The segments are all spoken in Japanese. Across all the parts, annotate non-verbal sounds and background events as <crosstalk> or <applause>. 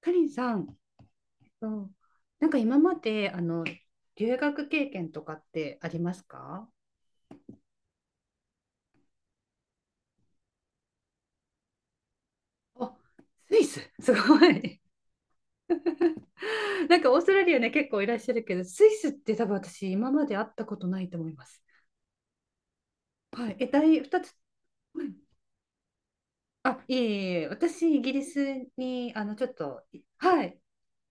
かりんさん、うん、今まで留学経験とかってありますか？あ、スイス、すごい。<laughs> なんかオーストラリアね、結構いらっしゃるけど、スイスって多分私、今まで会ったことないと思います。はい、第2つ。うん。あ、いえいえ、私、イギリスに、ちょっと、いはい、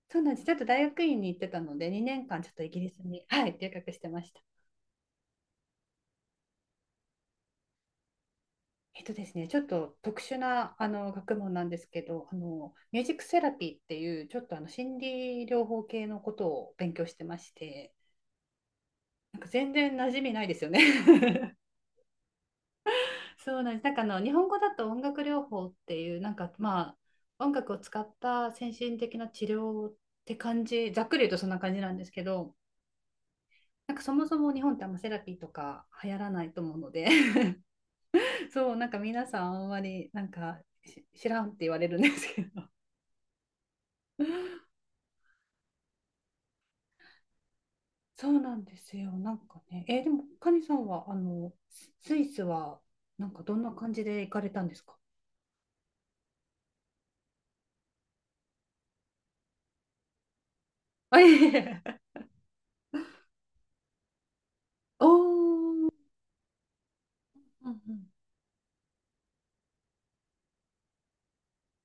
そうなんです。ちょっと大学院に行ってたので、2年間、ちょっとイギリスに、はい、留学してました。えっとですね、ちょっと特殊な学問なんですけど、ミュージックセラピーっていうちょっとあの心理療法系のことを勉強してまして、なんか全然馴染みないですよね。 <laughs> そうなんです。なんか日本語だと音楽療法っていう、なんか、まあ音楽を使った先進的な治療って感じ、ざっくり言うとそんな感じなんですけど、なんかそもそも日本ってあんまセラピーとか流行らないと思うので。 <laughs> そうなんか皆さんあんまりなんかし知らんって言われるんですけど、そうなんですよ。なんかね、でも、カニさんは、イスは、なんかどんな感じで行かれたんですか？ <laughs> あ、いえいえ。おー、うんうん。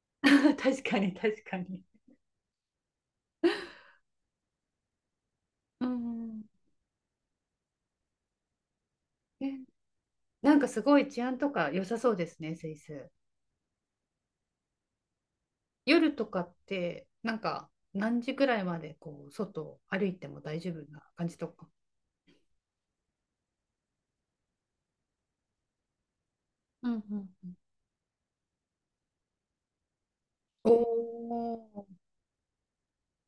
<laughs> 確かに、確かに。うんうん。え、なんかすごい治安とか良さそうですね、スイス。夜とかって、なんか何時ぐらいまでこう外を歩いても大丈夫な感じとか。うんうんうん。おお。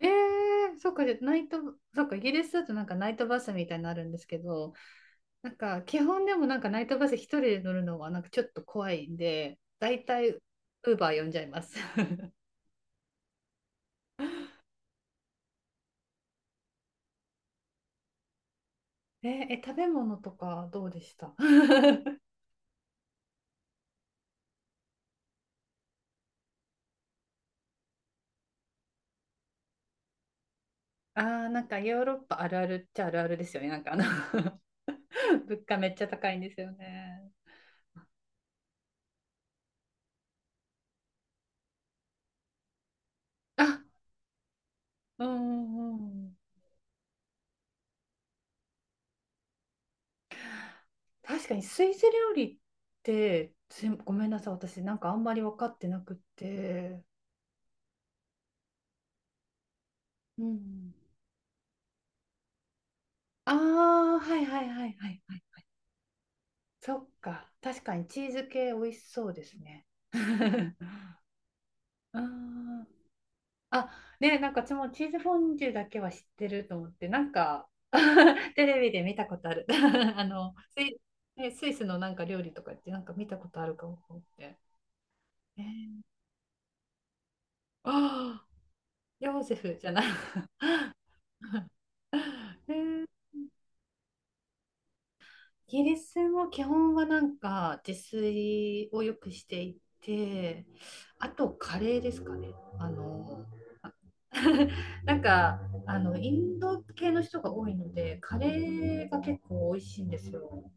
えー、そっか、じゃあナイト、そっか、イギリスだとなんかナイトバスみたいなのあるんですけど、なんか基本でもなんかナイトバス一人で乗るのはなんかちょっと怖いんで、だいたいウーバー呼んじゃいます。<laughs> え、え、食べ物とかどうでした？ <laughs> あー、なんかヨーロッパあるあるっちゃあるあるですよね。なんか<laughs> 物価めっちゃ高いんですよね。あ、うんうんうん。確かにスイス料理って、すいごめんなさい、私なんかあんまり分かってなくて。うん。ああ、はいはいはいはいはい。そっか、確かにチーズ系美味しそうですね。<laughs> あー、あ、ねえ、なんか私もチーズフォンデュだけは知ってると思って、なんか <laughs> テレビで見たことある。<laughs> スイ、ね、スイスのなんか料理とかってなんか見たことあるかもと思って。えー、ああ、ヨーゼフじゃない。<laughs> えー、イギリスも基本はなんか自炊をよくしていて、あとカレーですかね。あの <laughs> なんかインド系の人が多いのでカレーが結構美味しいんですよ。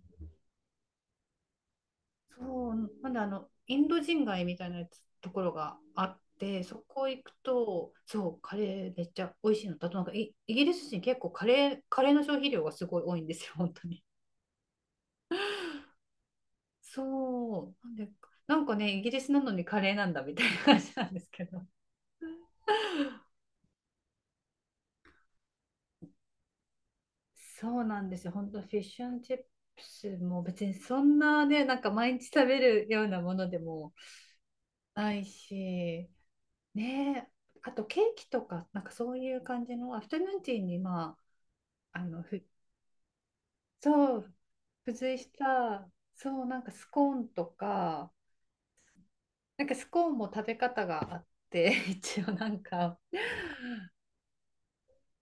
そうなんでインド人街みたいなやつところがあって、そこ行くと、そうカレーめっちゃ美味しいのだと、なんかイギリス人結構カレーの消費量がすごい多いんですよ本当に。そうなんで、なんかねイギリスなのにカレーなんだみたいな感じなんですけど。そうなんですよ。本当フィッシュンチップスも別にそんなね、なんか毎日食べるようなものでもないし、ねえ、あとケーキとか、なんかそういう感じのアフタヌーンティーに、まあ、そう、付随した、そう、なんかスコーンとか、なんかスコーンも食べ方があって、<laughs> 一応なんか、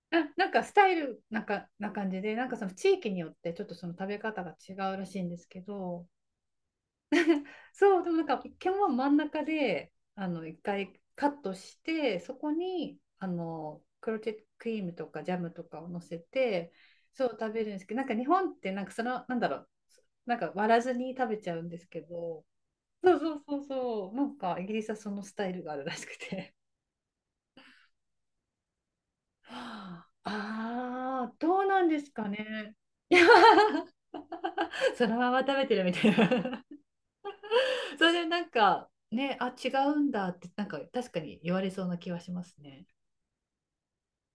なんかスタイルなんかな感じで、なんかその地域によってちょっとその食べ方が違うらしいんですけど、そう、でもなんか一見は真ん中で、一回カットして、そこに、クロテッドクリームとかジャムとかを乗せて、そう、食べるんですけど、なんか日本ってなんかその、なんだろう、なんか割らずに食べちゃうんですけど、そうそうそうそう、なんかイギリスはそのスタイルがあるらしくて。<laughs> はああー、どうなんですかね。いや、 <laughs> そのまま食べてるみたいな。それでなんかね、あ、違うんだってなんか確かに言われそうな気はしますね。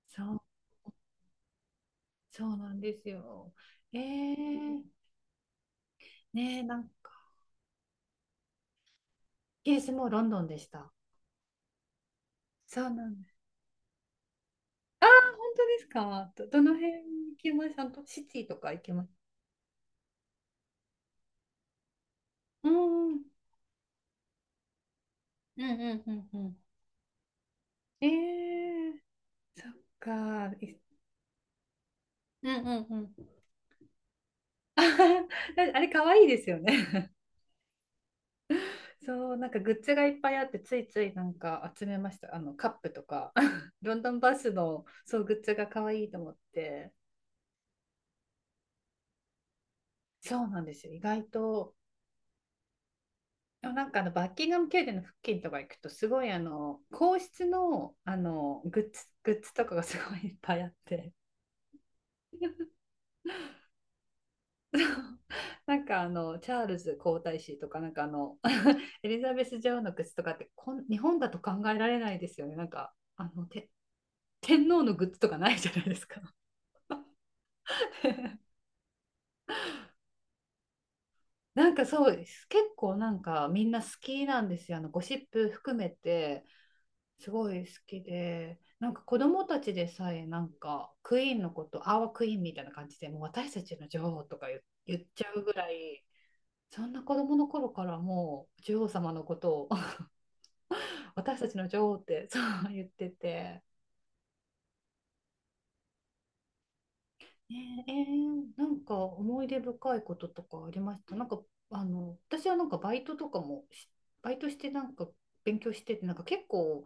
そう、そうなんですよ。えー、ねえ、なんか、ケースもロンドンでした。そうなんです。ああ、本当ですか。どの辺行きました？あとシティとか行きます？うん、うん、うん、うん、うん。ええー、そっか。い、うん、うん、うん。<laughs> あ、あれ、可愛いですよね。そうなんかグッズがいっぱいあって、ついついなんか集めました、あのカップとか。 <laughs> ロンドンバスのそうグッズが可愛いと思って、そうなんですよ、意外と。でもなんかバッキンガム宮殿の付近とか行くとすごい皇室のグッズとかがすごいいっぱいあって。 <laughs> なんかチャールズ皇太子とかなんか<laughs> エリザベス女王のグッズとかってこん日本だと考えられないですよね、なんかあのて天皇のグッズとかないじゃないですか。なんかそうです。結構なんかみんな好きなんですよ。あのゴシップ含めてすごい好きで、なんか子供たちでさえなんかクイーンのこと、アワークイーンみたいな感じで、もう私たちの女王とか言っちゃうぐらい、そんな子供の頃からもう女王様のことを <laughs> 私たちの女王ってそう言ってて、ねえー、なんか思い出深いこととかありました？なんか私はなんかバイトとかもバイトしてなんか勉強してて、なんか結構、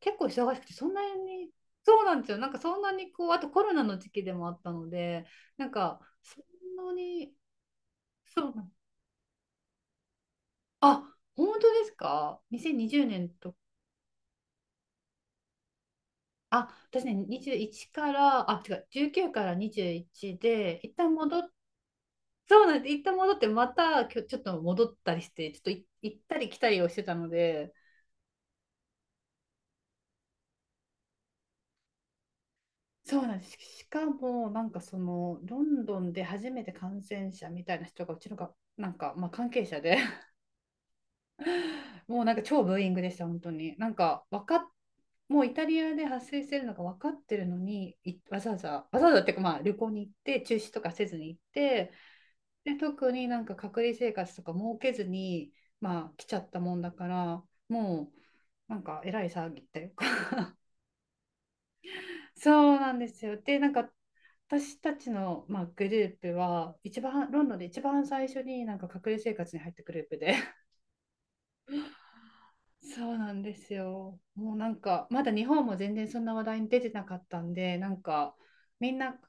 結構忙しくて、そんなに、そうなんですよ、なんかそんなにこう、あとコロナの時期でもあったので、なんかそんなに。そうなん、あ、本当ですか？2020年と。あ、私ね21から、あ違う、19から21で一旦戻っ、そうなんです。一旦戻って、またきょちょっと戻ったりして、ちょっとい行ったり来たりをしてたので、そうなんです。しかも、なんかその、ロンドンで初めて感染者みたいな人が、うちのが、なんか、まあ、関係者で。 <laughs> もうなんか超ブーイングでした、本当に。なんか、わかっ、もうイタリアで発生してるのが分かってるのに、わざわざ、わざわざっていうか、まあ、旅行に行って、中止とかせずに行って、で、特になんか隔離生活とか設けずに、まあ、来ちゃったもんだから、もう、なんかえらい騒ぎっていうか。 <laughs> そうなんですよ、で、なんか私たちの、まあ、グループは一番ロンドンで一番最初になんか隔離生活に入ったグループで。 <laughs> そうなんですよ、もうなんかまだ日本も全然そんな話題に出てなかったんで、なんかみんな。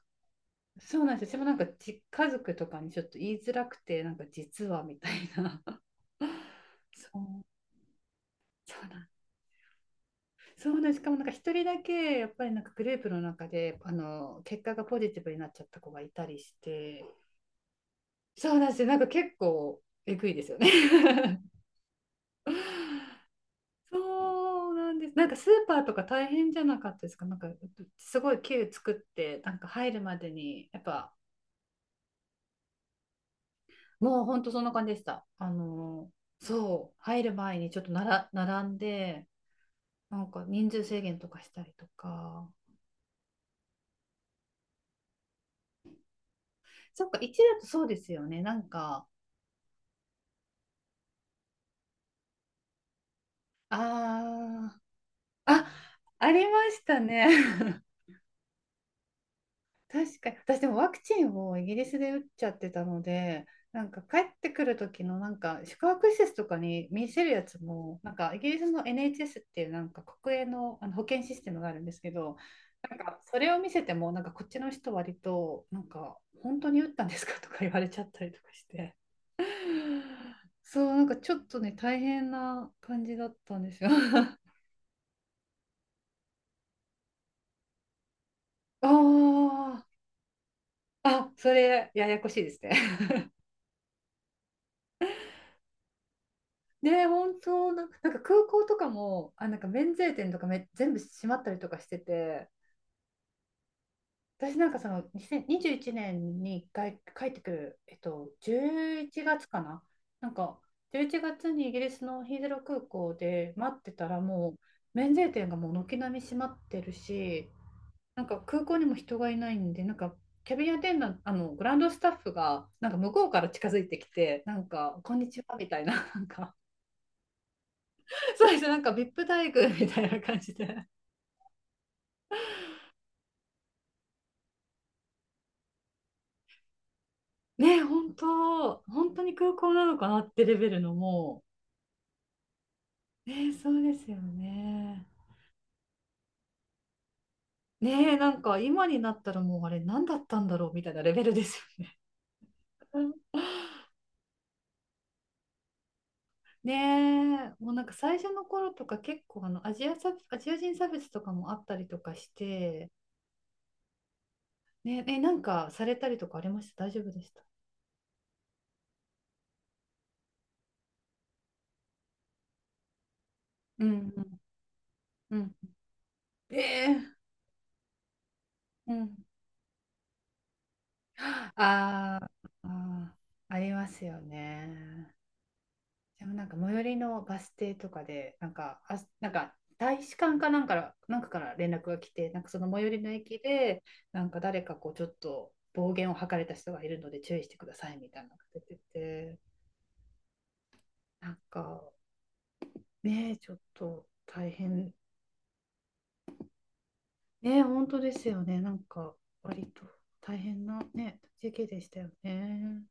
そうなんですよ、私もなんか家族とかにちょっと言いづらくて、なんか実はみたいな。 <laughs> そう、そうなん、そうなんです。しかもなんか一人だけやっぱりなんかグループの中で結果がポジティブになっちゃった子がいたりして、そうなんですよ、なんか結構えぐいですよね。 <laughs> そうなんです、なんかスーパーとか大変じゃなかったですか？なんかすごいキュー作ってなんか入るまでにやっぱ、もう本当そんな感じでした、あのそう入る前にちょっとなら並んで、なんか人数制限とかしたりとか。そっか1だとそうですよね、なんか。ああ、ああ、りましたね。<laughs> 確かに。私でもワクチンをイギリスで打っちゃってたので、なんか帰ってくる時のなんか宿泊施設とかに見せるやつも、なんかイギリスの NHS っていうなんか国営の、保険システムがあるんですけど、なんかそれを見せても、なんかこっちの人割と、なんか本当に打ったんですかとか言われちゃったりとかして。<laughs> そう、なんかちょっとね、大変な感じだったんですよ。<laughs> ああ。あ、それややこしいですね。<laughs> ね、本当な、なんか空港とかも、あ、なんか免税店とかめ全部閉まったりとかしてて、私なんかその2021年に一回帰ってくる、11月かな。なんか11月にイギリスのヒースロー空港で待ってたら、もう免税店がもう軒並み閉まってるし、なんか空港にも人がいないんで、なんかキャビンアテンダント、グランドスタッフがなんか向こうから近づいてきて、なんか、こんにちはみたいな、なんか。<laughs> そうですね、なんかビップ待遇、 <laughs> みたいな感じで、ねえ本当、本当に空港なのかなってレベルのも、うね、えそうですよね、ねえ、なんか今になったらもうあれ何だったんだろうみたいなレベルですよね。うん、ねえ、もうなんか最初の頃とか結構アジア差別、アジア人差別とかもあったりとかして、ねえ、えなんかされたりとかありました？大丈夫でした？うんうんうんええうん。あー、あー、ありますよね。でもなんか最寄りのバス停とかで、なんか、あ、なんか大使館かなんか、なんかから連絡が来て、なんかその最寄りの駅で、なんか誰かこうちょっと暴言を吐かれた人がいるので注意してくださいみたいなのが出てて、なんかね、ちょっと大変、ね、本当ですよね、なんか割と大変なね、時期でしたよね。